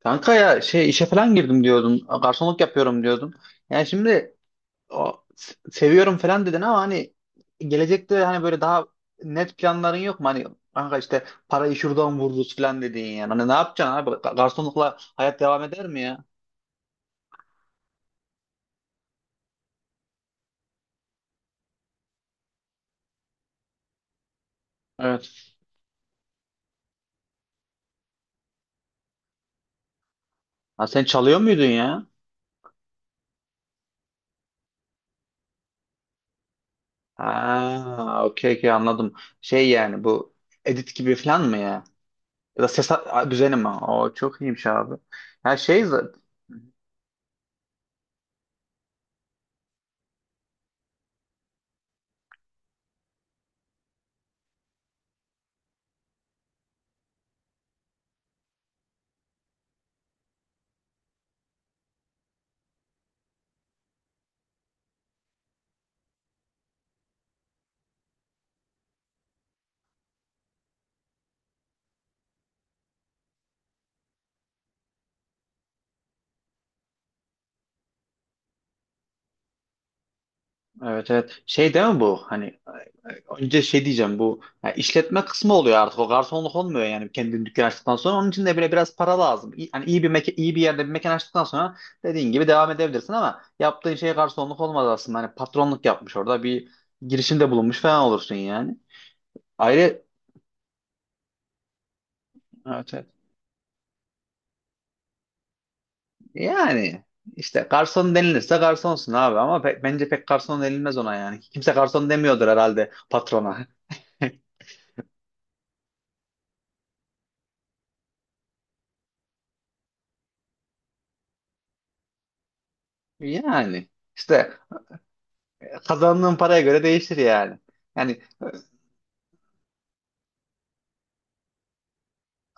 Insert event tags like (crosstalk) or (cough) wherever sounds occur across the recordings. Kanka ya şey işe falan girdim diyordun. Garsonluk yapıyorum diyordun. Yani şimdi o, seviyorum falan dedin ama hani gelecekte hani böyle daha net planların yok mu? Hani kanka işte parayı şuradan vururuz falan dediğin yani. Hani ne yapacaksın abi? Garsonlukla hayat devam eder mi ya? Evet. Ha, sen çalıyor muydun ya? Ha, okey okey anladım. Şey yani bu edit gibi falan mı ya? Ya da ses düzeni mi? O çok iyiymiş abi. Ha şey z- evet, evet. Şey değil mi bu? Hani önce şey diyeceğim bu ya, işletme kısmı oluyor artık, o garsonluk olmuyor yani. Kendin dükkan açtıktan sonra onun için de bile biraz para lazım. Hani iyi bir meke, iyi bir yerde bir mekan açtıktan sonra dediğin gibi devam edebilirsin ama yaptığın şey garsonluk olmaz aslında. Hani patronluk yapmış, orada bir girişimde bulunmuş falan olursun yani. Ayrı evet, evet. Yani işte garson denilirse garsonsun abi ama bence pek garson denilmez ona yani. Kimse garson demiyordur herhalde patrona. (laughs) Yani işte kazandığın paraya göre değişir yani. Yani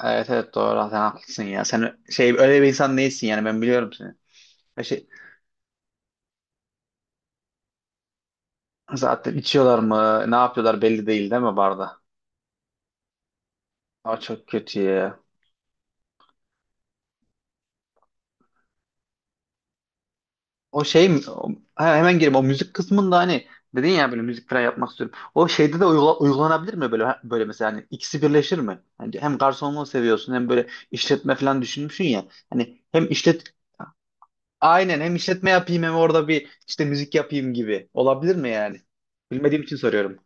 evet evet, doğru, sen haklısın ya. Sen şey öyle bir insan değilsin yani, ben biliyorum seni. Ya Şey, zaten içiyorlar mı ne yapıyorlar belli değil, değil mi, barda? Aa, çok kötü ya. O şey mi? Hemen gireyim o müzik kısmında, hani dedin ya böyle müzik falan yapmak istiyorum. O şeyde de uygulanabilir mi böyle böyle mesela? Hani ikisi birleşir mi? Hani hem garsonluğu seviyorsun hem böyle işletme falan düşünmüşsün ya. Hani hem işlet aynen, hem işletme yapayım hem orada bir işte müzik yapayım gibi. Olabilir mi yani? Bilmediğim için soruyorum.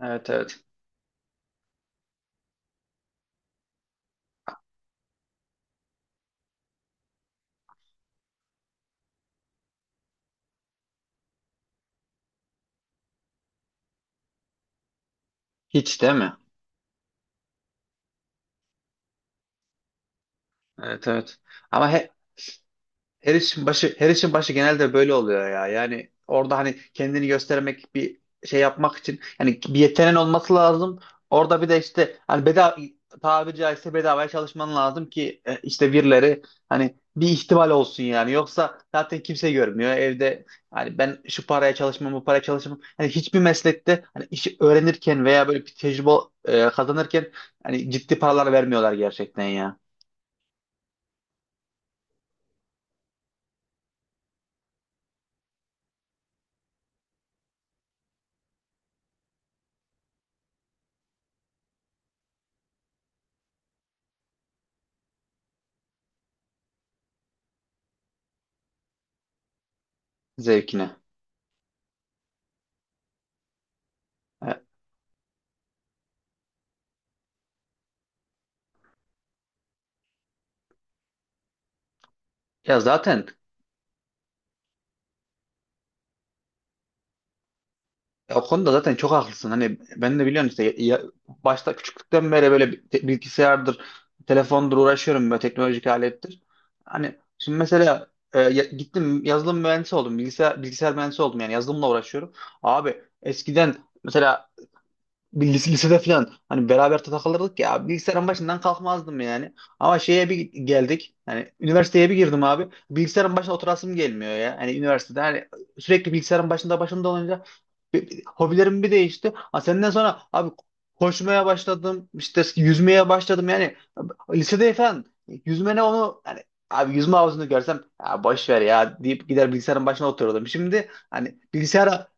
Evet evet. Hiç değil mi? Evet evet. Ama her işin başı genelde böyle oluyor ya. Yani orada hani kendini göstermek, bir şey yapmak için yani bir yeteneğin olması lazım. Orada bir de işte hani bedava, tabiri caizse bedavaya çalışman lazım ki işte birileri hani, bir ihtimal olsun yani. Yoksa zaten kimse görmüyor evde. Hani ben şu paraya çalışmam, bu paraya çalışmam. Hani hiçbir meslekte hani işi öğrenirken veya böyle bir tecrübe kazanırken hani ciddi paralar vermiyorlar gerçekten ya, zevkine. E, Ya zaten, ya o konuda zaten çok haklısın. Hani ben de biliyorsun işte başta, küçüklükten beri böyle bilgisayardır, telefondur uğraşıyorum, böyle teknolojik alettir. Hani şimdi mesela gittim, yazılım mühendisi oldum. Bilgisayar mühendisi oldum yani, yazılımla uğraşıyorum. Abi eskiden mesela lisede falan hani beraber takılırdık ya, bilgisayarın başından kalkmazdım yani. Ama şeye bir geldik. Hani üniversiteye bir girdim abi, bilgisayarın başına oturasım gelmiyor ya. Hani üniversitede hani sürekli bilgisayarın başında olunca hobilerim bir değişti. Ha, senden sonra abi koşmaya başladım. İşte yüzmeye başladım yani. Lisede falan yüzme ne, onu hani, abi yüzme havuzunu görsem ya boş ver ya deyip gider bilgisayarın başına otururdum. Şimdi hani bilgisayara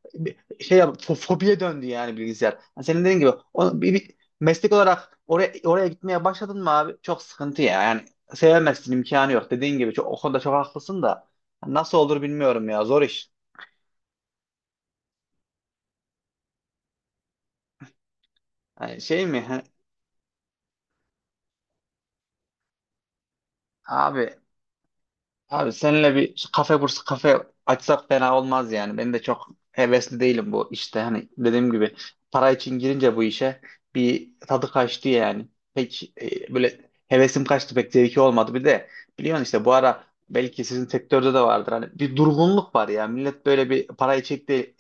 fobiye döndü yani bilgisayar. Yani senin dediğin gibi o, bir, bir meslek olarak oraya gitmeye başladın mı abi, çok sıkıntı ya. Yani sevemezsin, imkanı yok. Dediğin gibi çok, o konuda çok haklısın da nasıl olur bilmiyorum ya, zor iş. Yani şey mi? He, abi Abi seninle bir kafe açsak fena olmaz yani. Ben de çok hevesli değilim bu işte. Hani dediğim gibi para için girince bu işe bir tadı kaçtı yani. Pek böyle hevesim kaçtı, pek zevki olmadı. Bir de biliyorsun işte bu ara, belki sizin sektörde de vardır. Hani bir durgunluk var ya. Millet böyle bir parayı çekti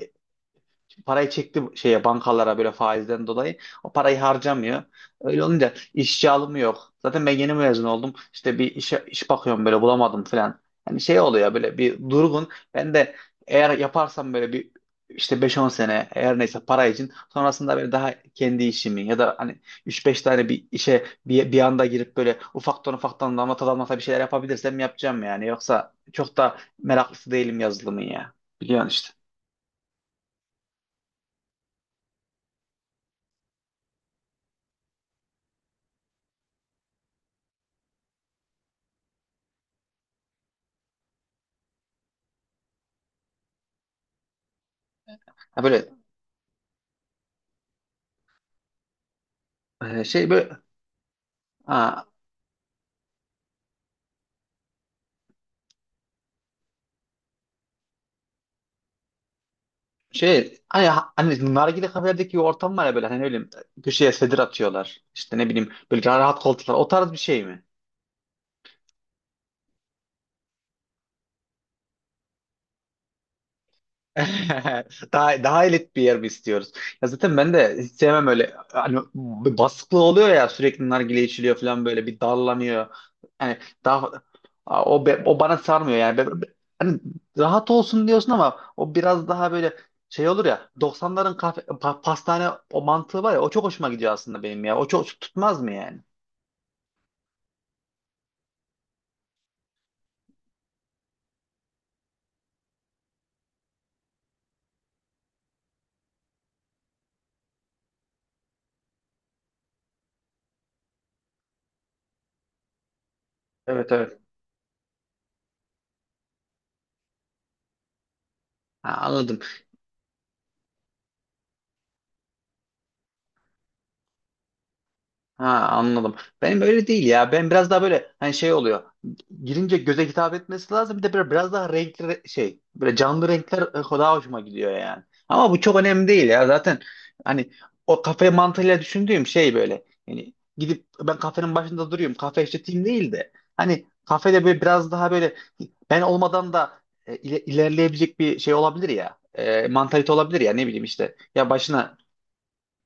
parayı çekti şeye, bankalara böyle faizden dolayı. O parayı harcamıyor. Öyle olunca işçi alımı yok. Zaten ben yeni mezun oldum. İşte bir işe, iş bakıyorum böyle, bulamadım falan. Hani şey oluyor böyle, bir durgun. Ben de eğer yaparsam böyle bir işte beş on sene, eğer neyse para için, sonrasında böyle daha kendi işimi ya da hani üç beş tane bir işe bir anda girip böyle ufaktan ufaktan damlata damlata bir şeyler yapabilirsem yapacağım yani. Yoksa çok da meraklısı değilim yazılımın ya. Biliyorsun işte. Ha böyle şey böyle, ha, şey hani nargile kafelerdeki ortam var ya böyle, hani öyle köşeye sedir atıyorlar. İşte ne bileyim, böyle rahat koltuklar, o tarz bir şey mi? (laughs) Daha elit bir yer mi istiyoruz? Ya zaten ben de hiç sevmem öyle. Hani bir baskılı oluyor ya, sürekli nargile içiliyor falan, böyle bir darlanıyor. Yani daha o bana sarmıyor yani. Hani rahat olsun diyorsun ama o biraz daha böyle şey olur ya, doksanların kafe, pastane o mantığı var ya, o çok hoşuma gidiyor aslında benim ya. O çok tutmaz mı yani? Evet evet. Ha, anladım. Ha, anladım. Benim öyle değil ya. Ben biraz daha böyle hani şey oluyor. Girince göze hitap etmesi lazım. Bir de böyle biraz daha renkli, şey, böyle canlı renkler daha hoşuma gidiyor yani. Ama bu çok önemli değil ya. Zaten hani o kafe mantığıyla düşündüğüm şey böyle. Yani gidip ben kafenin başında duruyorum, kafe işleteyim değil de. Hani kafede böyle biraz daha böyle ben olmadan da ilerleyebilecek bir şey olabilir ya. Mantalite olabilir ya, ne bileyim işte. Ya başına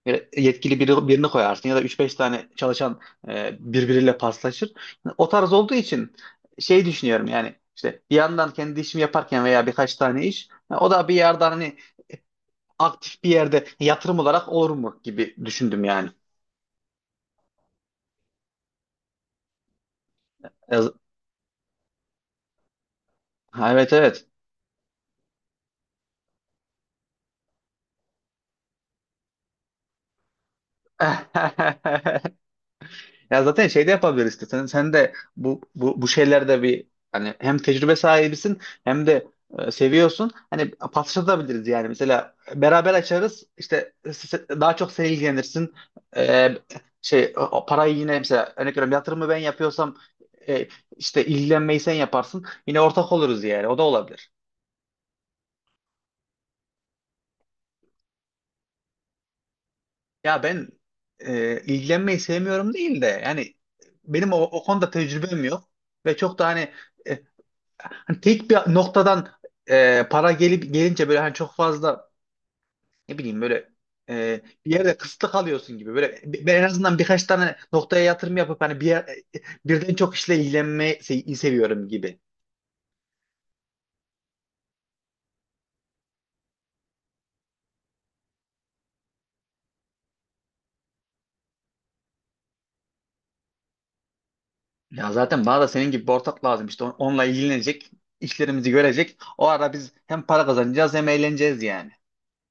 böyle yetkili biri, birini koyarsın, ya da üç beş tane çalışan birbiriyle paslaşır. O tarz olduğu için şey düşünüyorum yani, işte bir yandan kendi işimi yaparken veya birkaç tane iş, ha, o da bir yerden hani aktif bir yerde yatırım olarak olur mu gibi düşündüm yani. E, ha, Evet, evet. (laughs) Ya zaten şey de yapabiliriz işte. Sen de bu şeylerde bir hani hem tecrübe sahibisin hem de seviyorsun. Hani paslaşabiliriz yani. Mesela beraber açarız. İşte daha çok sen ilgilenirsin. E, şey o parayı, yine mesela örnek veriyorum, yatırımı ben yapıyorsam e, işte ilgilenmeyi sen yaparsın. Yine ortak oluruz yani. O da olabilir. Ya ben ilgilenmeyi sevmiyorum değil de yani, benim o konuda tecrübem yok ve çok da hani e, tek bir noktadan para gelip gelince böyle hani çok fazla, ne bileyim böyle, bir yerde kısıtlı kalıyorsun gibi. Böyle ben en azından birkaç tane noktaya yatırım yapıp hani bir yer, e, birden çok işle ilgilenmeyi seviyorum gibi. Ya zaten bana da senin gibi bir ortak lazım. İşte onunla ilgilenecek, işlerimizi görecek. O ara biz hem para kazanacağız hem eğleneceğiz yani.